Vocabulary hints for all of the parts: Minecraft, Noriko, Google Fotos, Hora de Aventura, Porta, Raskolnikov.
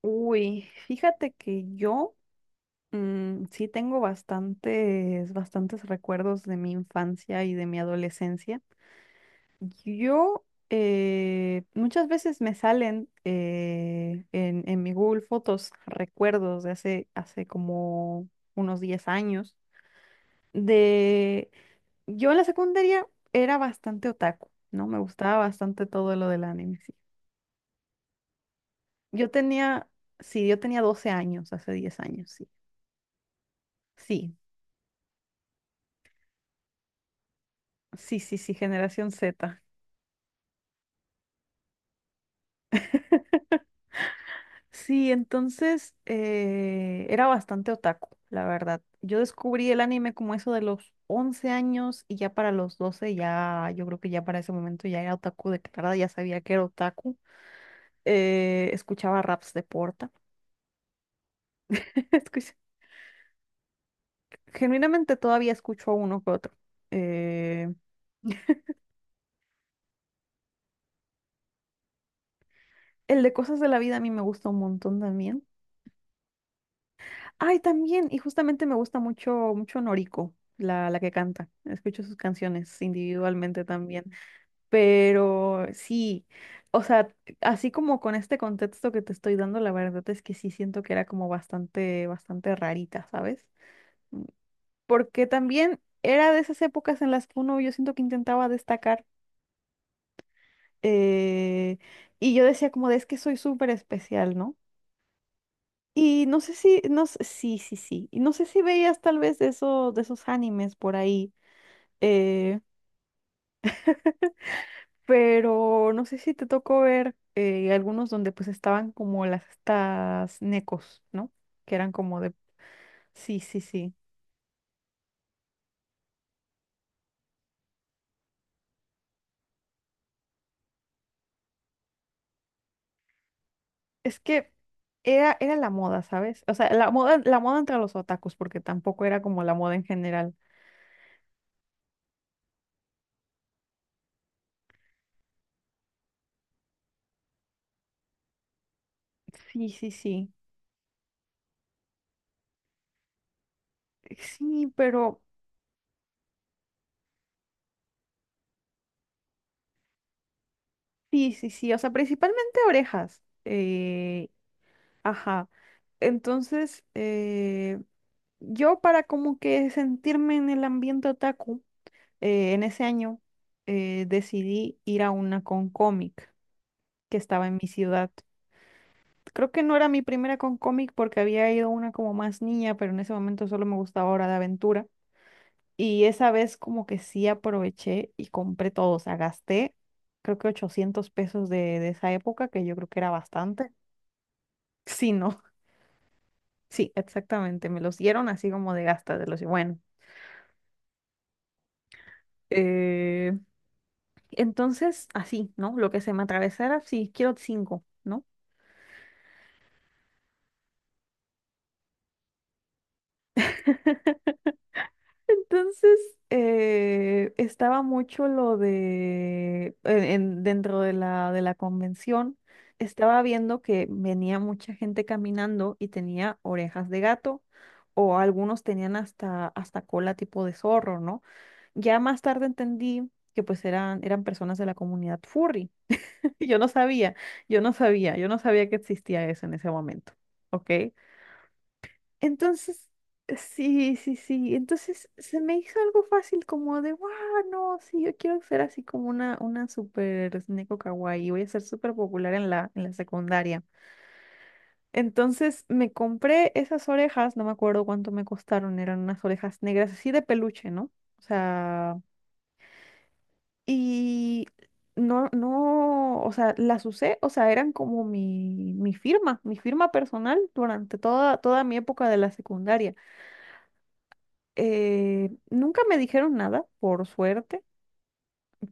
Uy, fíjate que yo sí tengo bastantes recuerdos de mi infancia y de mi adolescencia. Yo Muchas veces me salen en mi Google Fotos recuerdos de hace como unos 10 años. De Yo en la secundaria era bastante otaku, ¿no? Me gustaba bastante todo lo del anime, sí. Yo tenía, sí, yo tenía 12 años, hace 10 años, sí. Sí, sí, sí, sí, generación Z. Sí, entonces era bastante otaku, la verdad. Yo descubrí el anime como eso de los 11 años y ya para los 12 ya, yo creo que ya para ese momento ya era otaku declarada, ya sabía que era otaku. Escuchaba raps de Porta. Escucha- Genuinamente todavía escucho a uno que otro. Eh, el de cosas de la vida a mí me gusta un montón también. Ay, también, y justamente me gusta mucho, mucho Noriko, la que canta. Escucho sus canciones individualmente también. Pero sí, o sea, así como con este contexto que te estoy dando, la verdad es que sí siento que era como bastante, bastante rarita, ¿sabes? Porque también era de esas épocas en las que uno, yo siento que intentaba destacar, eh, y yo decía como de es que soy súper especial, ¿no? Y no sé si, no, sí, sí, sí. Y no sé si veías tal vez de de esos animes por ahí, eh, pero no sé si te tocó ver algunos donde pues estaban como las estas necos, ¿no? Que eran como de... Sí, sí, sí. Es que era la moda, ¿sabes? O sea, la moda entre los otakus, porque tampoco era como la moda en general. Sí, sí, sí. Sí, pero... Sí, sí, sí. O sea, principalmente orejas. Ajá. Entonces, yo para como que sentirme en el ambiente otaku, en ese año decidí ir a una con cómic que estaba en mi ciudad. Creo que no era mi primera con cómic porque había ido a una como más niña, pero en ese momento solo me gustaba Hora de Aventura. Y esa vez como que sí aproveché y compré todo, o sea, gasté creo que 800 pesos de esa época, que yo creo que era bastante. Sí, no, sí, exactamente, me los dieron así como de gasta, de los, bueno. eh, entonces, así, ¿no? Lo que se me atravesara, sí, quiero cinco, ¿no? Entonces, estaba mucho lo de, dentro de de la convención, estaba viendo que venía mucha gente caminando y tenía orejas de gato, o algunos tenían hasta cola tipo de zorro, ¿no? Ya más tarde entendí que pues eran personas de la comunidad furry. Yo no sabía, yo no sabía que existía eso en ese momento, ¿ok? Entonces, sí, sí, sí. Entonces se me hizo algo fácil como de, wow, no, sí, yo quiero ser así como una super neko kawaii, voy a ser súper popular en en la secundaria. Entonces me compré esas orejas, no me acuerdo cuánto me costaron, eran unas orejas negras así de peluche, ¿no? O sea, y no, o sea, las usé, o sea, eran como mi firma personal durante toda mi época de la secundaria. Nunca me dijeron nada, por suerte,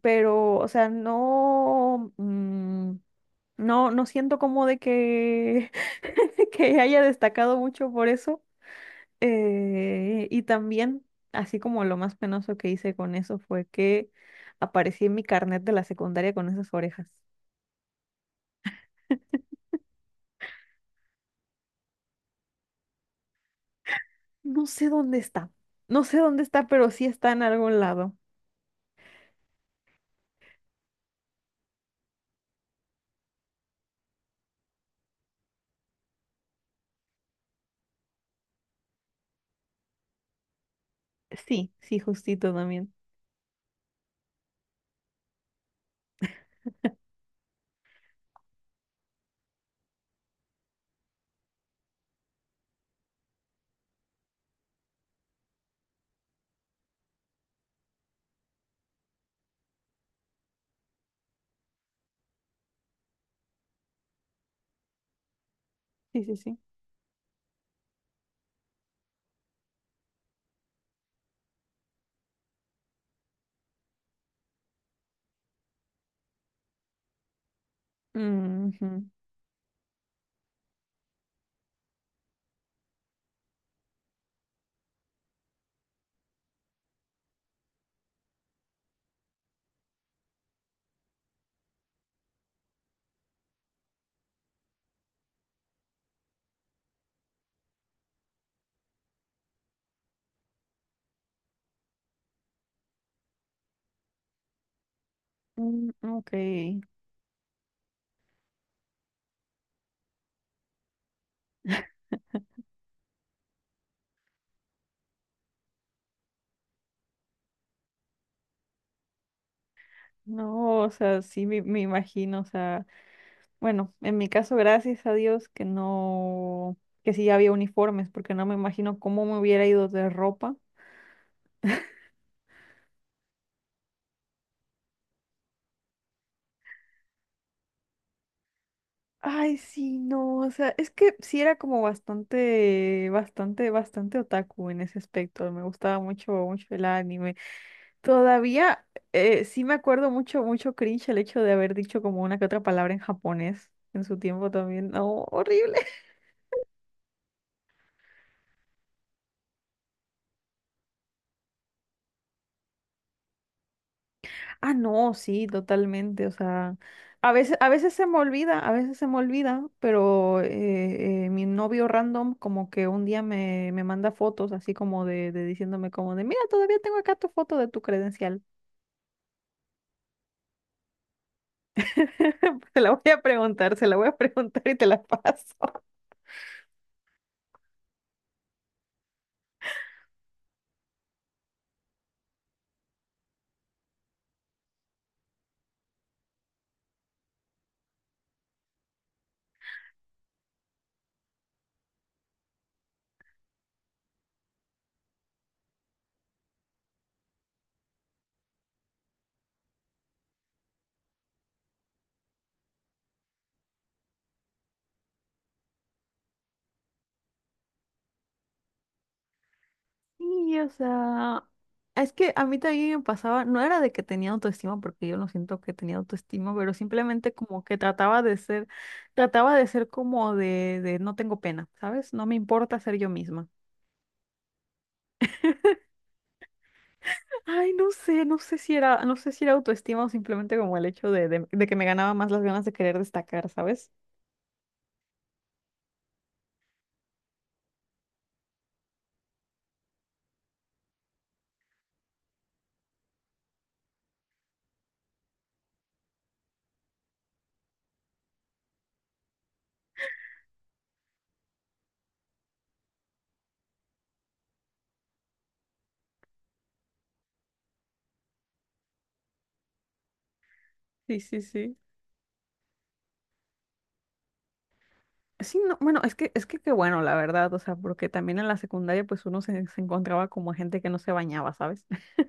pero, o sea, no, mm, no siento como de que que haya destacado mucho por eso. Y también, así como lo más penoso que hice con eso fue que aparecí en mi carnet de la secundaria con esas orejas. No sé dónde está, no sé dónde está, pero sí está en algún lado. Sí, sí, justito también. Sí, sí, sí. Ujú. Mm, ok. No, o sea, sí me imagino, o sea, bueno, en mi caso, gracias a Dios que no, que sí había uniformes, porque no me imagino cómo me hubiera ido de ropa. Ay, sí, no, o sea, es que sí era como bastante, bastante, bastante otaku en ese aspecto. Me gustaba mucho, mucho el anime. Todavía sí me acuerdo mucho, mucho cringe el hecho de haber dicho como una que otra palabra en japonés en su tiempo también. No, horrible. Ah, no, sí, totalmente. O sea, a veces se me olvida, a veces se me olvida, pero mi novio random como que un día me manda fotos así como de diciéndome como de, mira, todavía tengo acá tu foto de tu credencial. Se la voy a preguntar y te la paso. Sí, o sea, es que a mí también me pasaba, no era de que tenía autoestima, porque yo no siento que tenía autoestima, pero simplemente como que trataba de ser como de no tengo pena, ¿sabes? No me importa ser yo misma. Ay, no sé, no sé si era, no sé si era autoestima o simplemente como el hecho de que me ganaba más las ganas de querer destacar, ¿sabes? Sí, sí, sí. Sí, no, bueno, es que qué bueno, la verdad, o sea, porque también en la secundaria pues uno se encontraba como gente que no se bañaba, ¿sabes?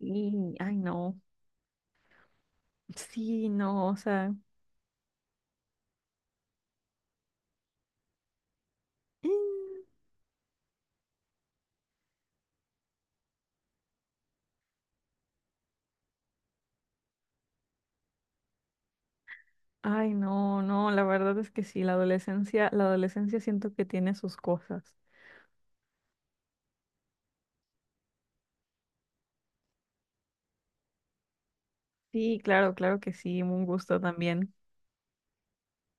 Y, ay, no. Sí, no, o sea, mm, ay, no, no, la verdad es que sí, la adolescencia siento que tiene sus cosas. Sí, claro, claro que sí, un gusto también.